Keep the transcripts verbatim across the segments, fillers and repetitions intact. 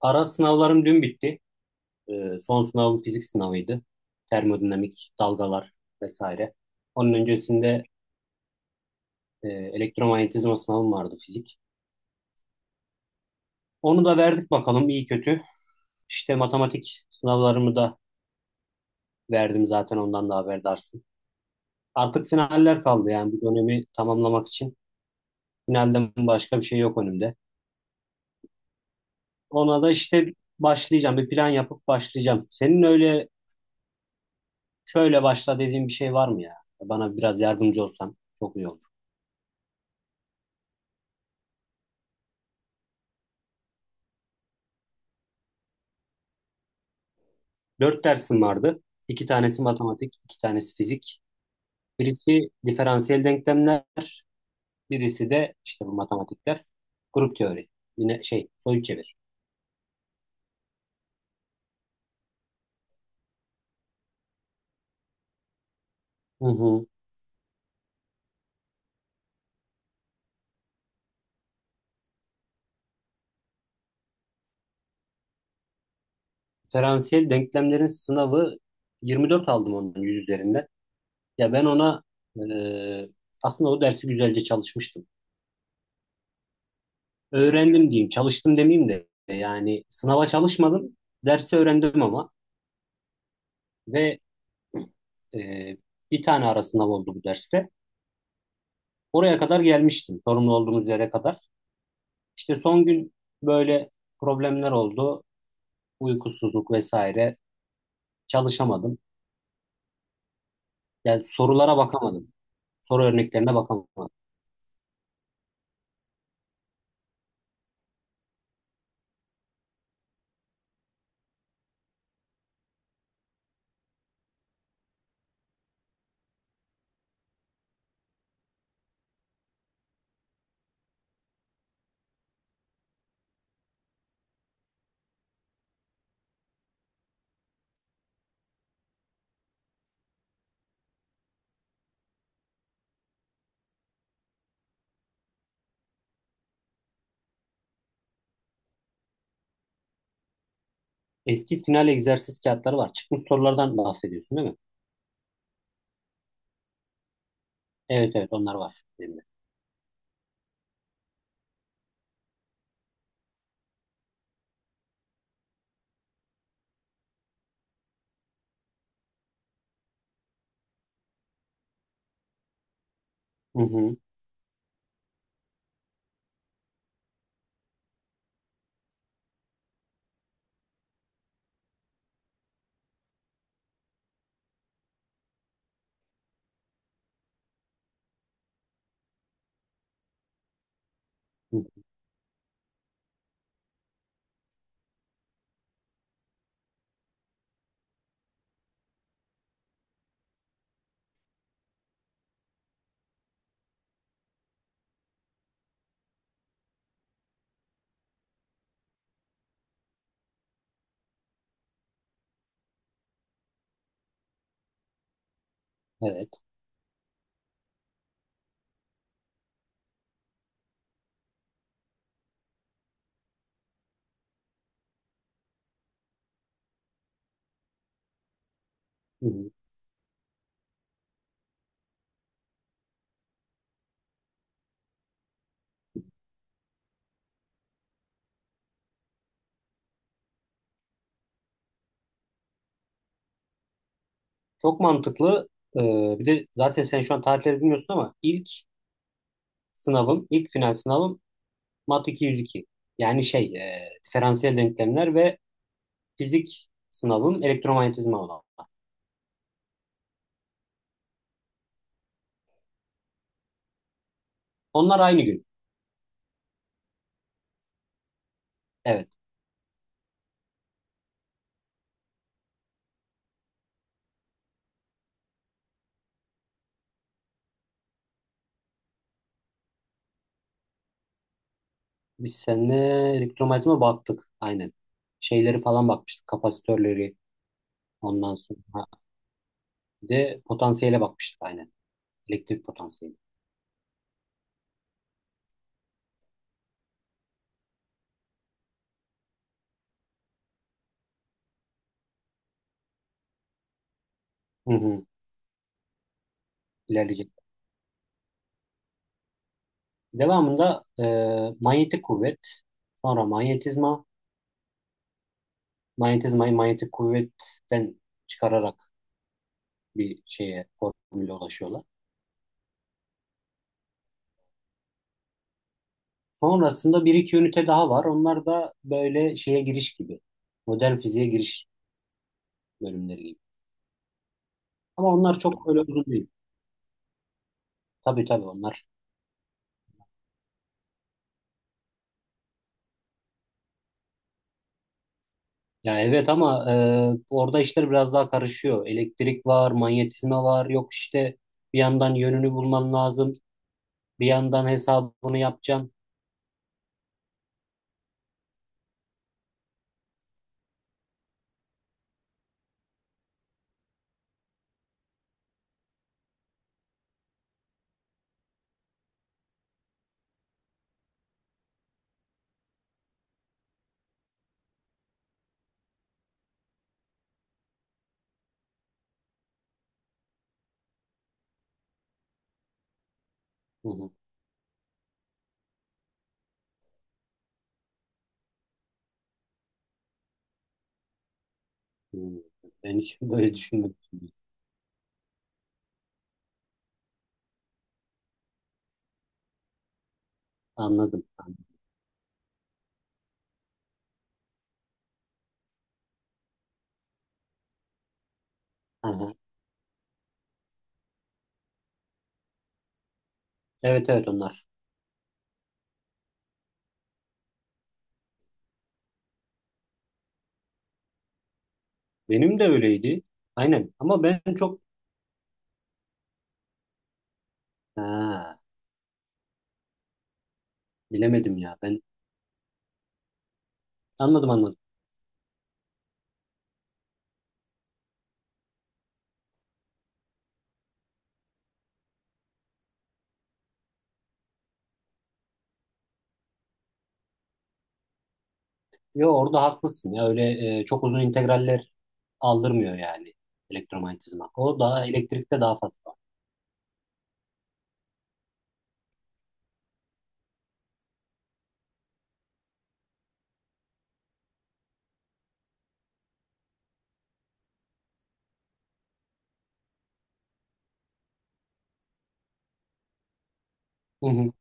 Ara sınavlarım dün bitti. Ee, son sınavım fizik sınavıydı. Termodinamik, dalgalar vesaire. Onun öncesinde e, elektromanyetizma sınavım vardı fizik. Onu da verdik bakalım iyi kötü. İşte matematik sınavlarımı da verdim zaten ondan da haberdarsın. Artık finaller kaldı yani bir dönemi tamamlamak için. Finalden başka bir şey yok önümde. Ona da işte başlayacağım. Bir plan yapıp başlayacağım. Senin öyle şöyle başla dediğin bir şey var mı ya? Bana biraz yardımcı olsan çok iyi olur. Dört dersim vardı. İki tanesi matematik, iki tanesi fizik. Birisi diferansiyel denklemler, birisi de işte bu matematikler. Grup teori. Yine şey, soyut çevir. Hı hı. Diferansiyel denklemlerin sınavı yirmi dört aldım onun yüz üzerinden. Ya ben ona e, aslında o dersi güzelce çalışmıştım. Öğrendim diyeyim, çalıştım demeyeyim de yani sınava çalışmadım, dersi öğrendim ama ve e, bir tane ara sınav oldu bu derste. Oraya kadar gelmiştim, sorumlu olduğumuz yere kadar. İşte son gün böyle problemler oldu, uykusuzluk vesaire. Çalışamadım. Yani sorulara bakamadım, soru örneklerine bakamadım. Eski final egzersiz kağıtları var. Çıkmış sorulardan bahsediyorsun değil mi? Evet evet onlar var elimde. Hı hı. Hı. Evet. Hı hı. Çok mantıklı. Ee, bir de zaten sen şu an tarihleri bilmiyorsun ama ilk sınavım, ilk final sınavım Mat iki yüz iki. Yani şey, e, diferansiyel denklemler ve fizik sınavım elektromanyetizma olan. Onlar aynı gün. Evet. Biz seninle elektromanyetizma baktık. Aynen. Şeyleri falan bakmıştık. Kapasitörleri. Ondan sonra bir de potansiyele bakmıştık aynen. Elektrik potansiyeli. Hı hı. İlerleyecek. Devamında e, manyetik kuvvet. Sonra manyetizma. Manyetizmayı manyetik kuvvetten çıkararak bir şeye formüle ulaşıyorlar. Sonrasında bir iki ünite daha var. Onlar da böyle şeye giriş gibi. Modern fiziğe giriş bölümleri gibi. Ama onlar çok öyle uzun değil. Tabii tabii onlar. Ya evet ama e, orada işler biraz daha karışıyor. Elektrik var, manyetizma var. Yok işte bir yandan yönünü bulman lazım. Bir yandan hesabını yapacaksın. Hı hı. Hı. Ben hiç böyle düşünmedim. Anladım. Aha. Evet evet onlar. Benim de öyleydi. Aynen. Ama ben çok ha, bilemedim ya. Ben anladım anladım. Yo orada haklısın ya öyle e, çok uzun integraller aldırmıyor yani elektromanyetizma. O daha elektrikte daha fazla. Hı hı,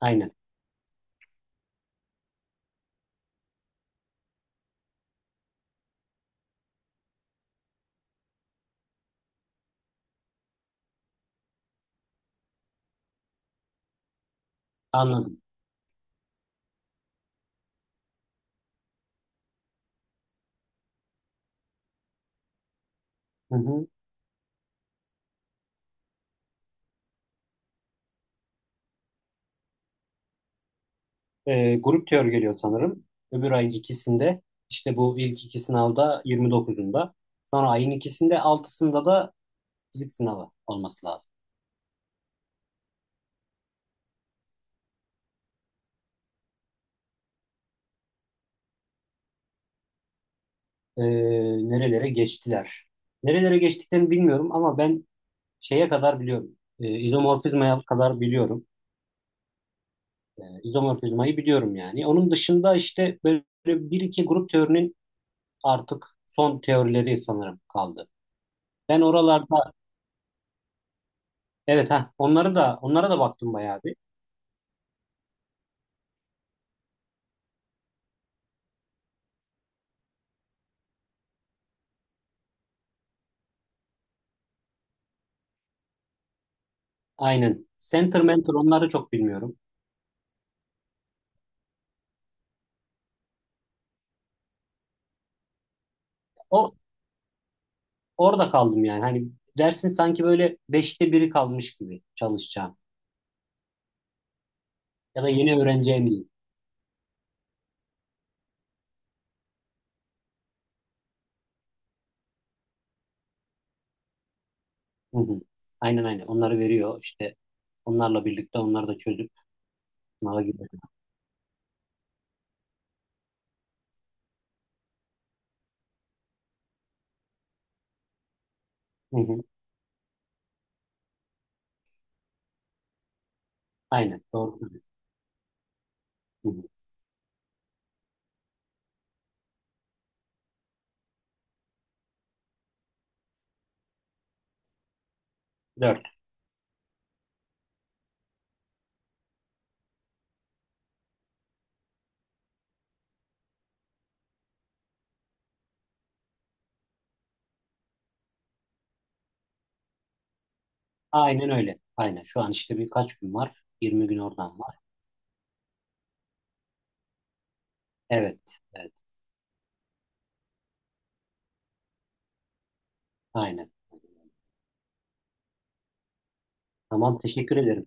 aynen anladım. Hı hı. E, Grup teori geliyor sanırım. Öbür ayın ikisinde işte bu ilk iki sınavda yirmi dokuzunda. Sonra ayın ikisinde altısında da fizik sınavı olması lazım. E, Nerelere geçtiler? Nerelere geçtiklerini bilmiyorum ama ben şeye kadar biliyorum. E, izomorfizmaya kadar biliyorum. E, izomorfizmayı biliyorum yani. Onun dışında işte böyle bir iki grup teorinin artık son teorileri sanırım kaldı. Ben oralarda evet ha onları da onlara da baktım bayağı bir. Aynen. Center mentor onları çok bilmiyorum. O Orada kaldım yani. Hani dersin sanki böyle beşte biri kalmış gibi çalışacağım. Ya da yeni öğreneceğim diyeyim. Hı hı. Aynen aynen. Onları veriyor işte. Onlarla birlikte onları da çözüp sınava giriyor. Hı hı. Aynen. Doğru söylüyorsun. Hı hı. Dört. Aynen öyle. Aynen. Şu an işte birkaç gün var. yirmi gün oradan var. Evet. Evet. Aynen. Tamam. Teşekkür ederim.